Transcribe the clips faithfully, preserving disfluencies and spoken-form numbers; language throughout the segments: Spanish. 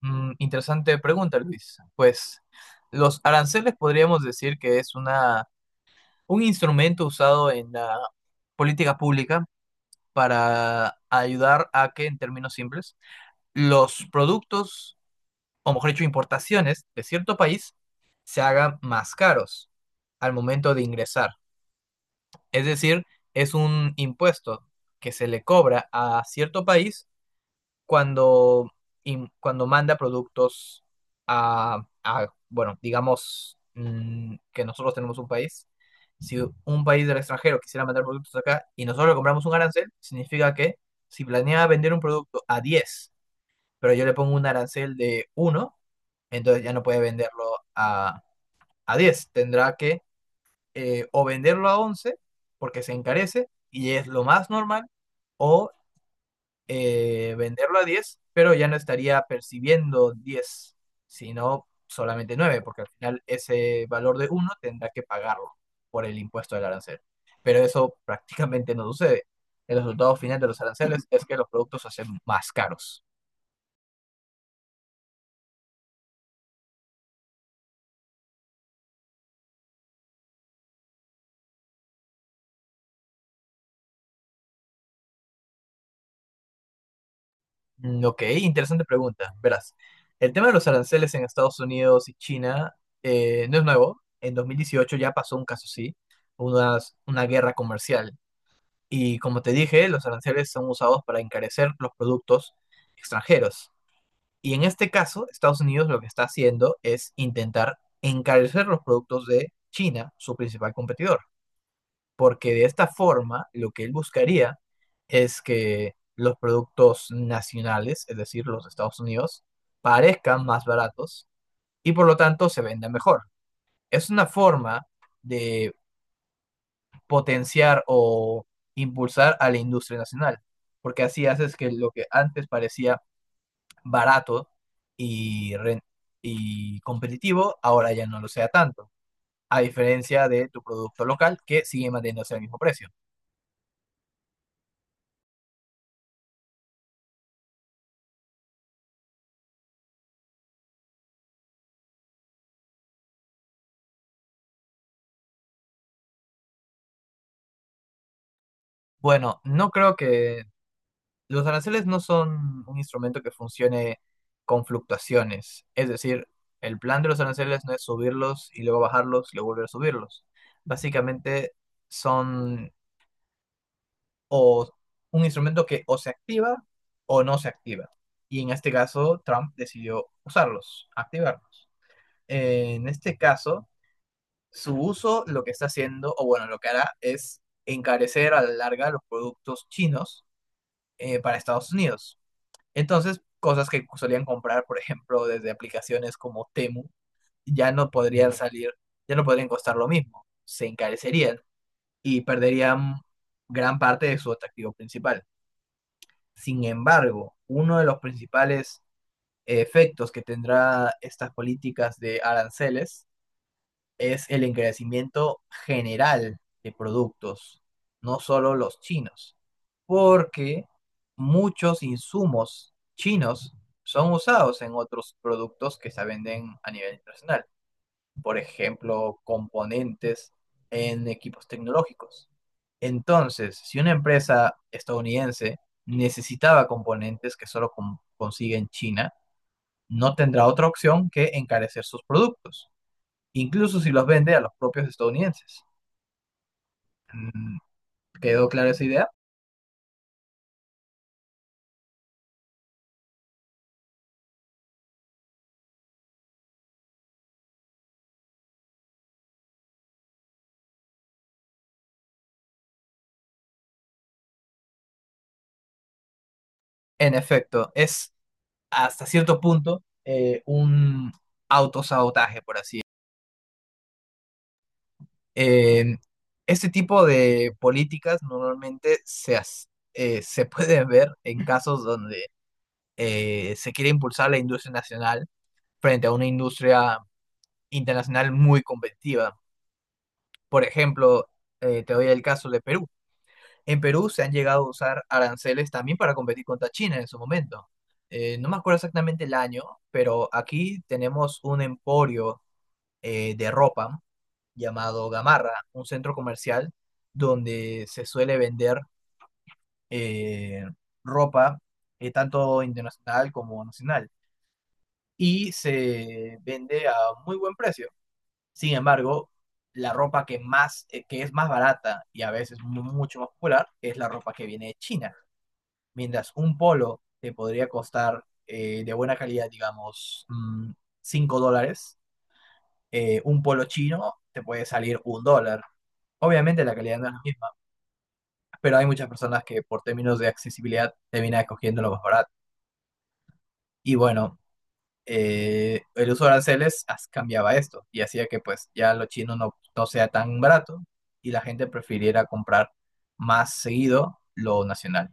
Mm, interesante pregunta, Luis. Pues los aranceles podríamos decir que es una, un instrumento usado en la política pública para ayudar a que, en términos simples, los productos, o mejor dicho, importaciones de cierto país se hagan más caros al momento de ingresar. Es decir, es un impuesto que se le cobra a cierto país cuando, in- cuando manda productos a, a, bueno, digamos, mm, que nosotros tenemos un país, si un país del extranjero quisiera mandar productos acá y nosotros le compramos un arancel, significa que si planea vender un producto a diez, pero yo le pongo un arancel de uno, entonces ya no puede venderlo a, a diez tendrá que, eh, o venderlo a once porque se encarece y es lo más normal, o eh, venderlo a diez pero ya no estaría percibiendo diez sino solamente nueve, porque al final ese valor de uno tendrá que pagarlo por el impuesto del arancel. Pero eso prácticamente no sucede. El resultado final de los aranceles es que los productos se hacen más caros. Mm, Ok, interesante pregunta. Verás, el tema de los aranceles en Estados Unidos y China eh, no es nuevo. En dos mil dieciocho ya pasó un caso así, unas- una guerra comercial. Y como te dije, los aranceles son usados para encarecer los productos extranjeros. Y en este caso, Estados Unidos lo que está haciendo es intentar encarecer los productos de China, su principal competidor. Porque de esta forma, lo que él buscaría es que los productos nacionales, es decir, los de Estados Unidos, parezcan más baratos y por lo tanto se vendan mejor. Es una forma de potenciar o impulsar a la industria nacional, porque así haces que lo que antes parecía barato y, ren- y competitivo, ahora ya no lo sea tanto, a diferencia de tu producto local que sigue manteniéndose al mismo precio. Bueno, no creo que los aranceles no son un instrumento que funcione con fluctuaciones, es decir, el plan de los aranceles no es subirlos y luego bajarlos y luego volver a subirlos. Básicamente son o un instrumento que o se activa o no se activa. Y en este caso, Trump decidió usarlos, activarlos. En este caso, su uso lo que está haciendo, o bueno, lo que hará es encarecer a la larga los productos chinos, eh, para Estados Unidos. Entonces, cosas que solían comprar, por ejemplo, desde aplicaciones como Temu, ya no podrían salir, ya no podrían costar lo mismo, se encarecerían y perderían gran parte de su atractivo principal. Sin embargo, uno de los principales efectos que tendrá estas políticas de aranceles es el encarecimiento general de productos, no solo los chinos, porque muchos insumos chinos son usados en otros productos que se venden a nivel internacional, por ejemplo, componentes en equipos tecnológicos. Entonces, si una empresa estadounidense necesitaba componentes que solo con- consigue en China, no tendrá otra opción que encarecer sus productos, incluso si los vende a los propios estadounidenses. Mm, ¿Quedó clara esa idea? En efecto, es hasta cierto punto, eh, un autosabotaje, por así. Eh, este tipo de políticas normalmente se, as- eh, se puede ver en casos donde eh, se quiere impulsar la industria nacional frente a una industria internacional muy competitiva. Por ejemplo, eh, te doy el caso de Perú. En Perú se han llegado a usar aranceles también para competir contra China en su momento. Eh, no me acuerdo exactamente el año, pero aquí tenemos un emporio eh, de ropa llamado Gamarra, un centro comercial donde se suele vender, eh, ropa, eh, tanto internacional como nacional, y se vende a muy buen precio. Sin embargo, la ropa que más, eh, que es más barata y a veces mu- mucho más popular, es la ropa que viene de China. Mientras un polo te podría costar, eh, de buena calidad, digamos, mm, cinco dólares, eh, un polo chino te puede salir un dólar. Obviamente la calidad no es la misma, pero hay muchas personas que por términos de accesibilidad terminan escogiendo lo más barato. Y bueno, eh, el uso de aranceles as- cambiaba esto y hacía que pues ya lo chino no, no sea tan barato, y la gente prefiriera comprar más seguido lo nacional.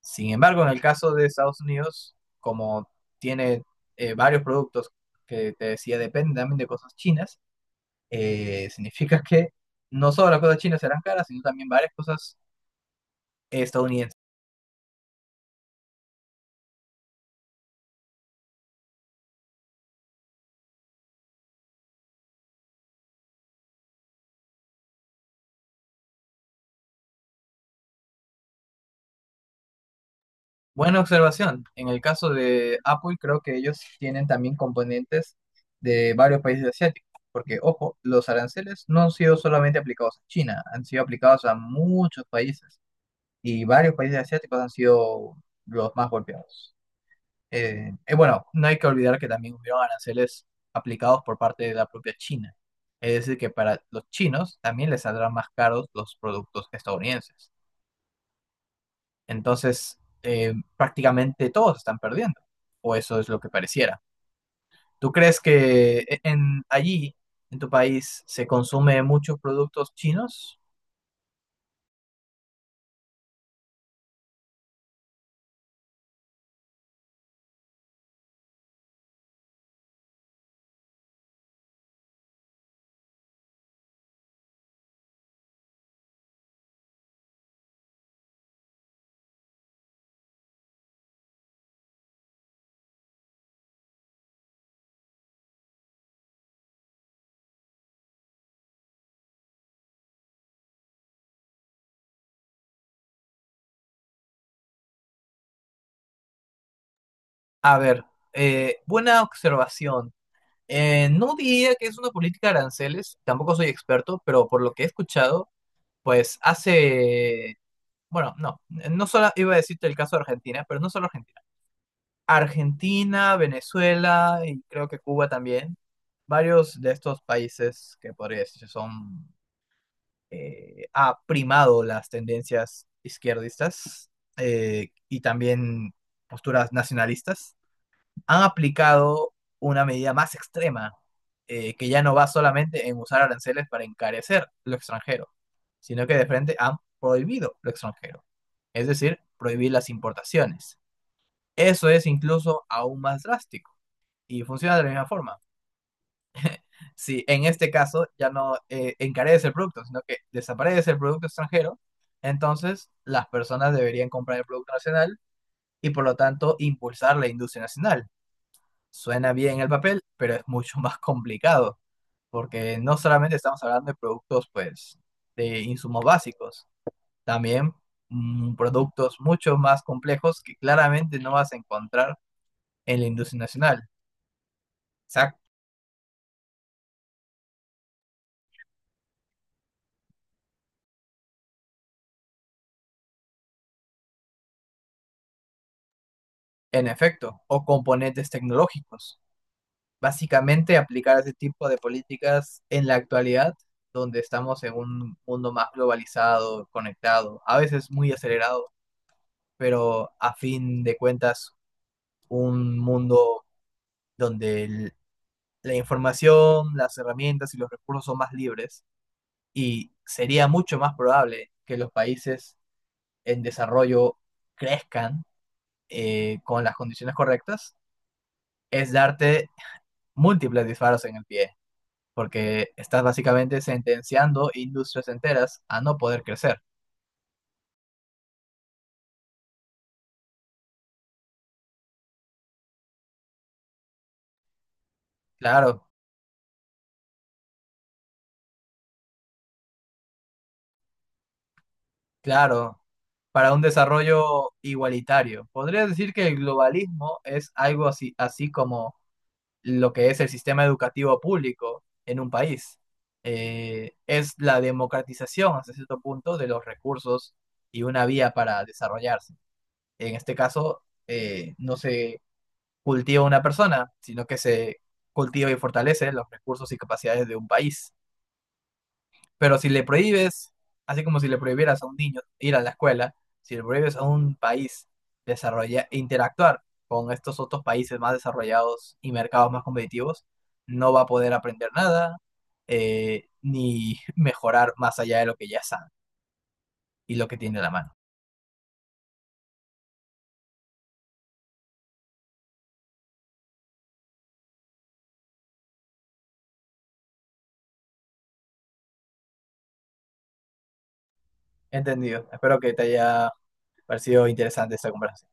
Sin embargo, en el caso de Estados Unidos, como tiene, eh, varios productos que te decía dependen también de cosas chinas, eh, significa que no solo las cosas chinas serán caras, sino también varias cosas estadounidenses. Buena observación. En el caso de Apple, creo que ellos tienen también componentes de varios países asiáticos, porque, ojo, los aranceles no han sido solamente aplicados a China, han sido aplicados a muchos países, y varios países asiáticos han sido los más golpeados. Eh, eh, bueno, no hay que olvidar que también hubieron aranceles aplicados por parte de la propia China. Es decir, que para los chinos también les saldrán más caros los productos estadounidenses. Entonces, eh, prácticamente todos están perdiendo, o eso es lo que pareciera. ¿Tú crees que e-, en, allí, en tu país se consume muchos productos chinos? A ver, eh, buena observación. Eh, no diría que es una política de aranceles, tampoco soy experto, pero por lo que he escuchado, pues hace, bueno, no, no solo iba a decirte el caso de Argentina, pero no solo Argentina. Argentina, Venezuela y creo que Cuba también. Varios de estos países que podría decirse son, eh, ha primado las tendencias izquierdistas, eh, y también posturas nacionalistas, han aplicado una medida más extrema, eh, que ya no va solamente en usar aranceles para encarecer lo extranjero, sino que de frente han prohibido lo extranjero, es decir, prohibir las importaciones. Eso es incluso aún más drástico y funciona de la misma forma. Si en este caso ya no, eh, encarece el producto, sino que desaparece el producto extranjero, entonces las personas deberían comprar el producto nacional y por lo tanto impulsar la industria nacional. Suena bien el papel, pero es mucho más complicado, porque no solamente estamos hablando de productos, pues, de insumos básicos, también, mm, productos mucho más complejos que claramente no vas a encontrar en la industria nacional. Exacto. En efecto, o componentes tecnológicos, básicamente aplicar ese tipo de políticas en la actualidad, donde estamos en un mundo más globalizado, conectado, a veces muy acelerado, pero a fin de cuentas un mundo donde el- la información, las herramientas y los recursos son más libres, y sería mucho más probable que los países en desarrollo crezcan, eh, con las condiciones correctas, es darte múltiples disparos en el pie, porque estás básicamente sentenciando industrias enteras a no poder crecer. Claro, claro, para un desarrollo igualitario. Podría decir que el globalismo es algo así, así como lo que es el sistema educativo público en un país. Eh, es la democratización hasta cierto punto de los recursos y una vía para desarrollarse. En este caso, eh, no se cultiva una persona, sino que se cultiva y fortalece los recursos y capacidades de un país. Pero si le prohíbes, así como si le prohibieras a un niño ir a la escuela, si le prohíbes a un país desarrollar, interactuar con estos otros países más desarrollados y mercados más competitivos, no va a poder aprender nada, eh, ni mejorar más allá de lo que ya sabe y lo que tiene a la mano. Entendido. Espero que te haya parecido interesante esta conversación.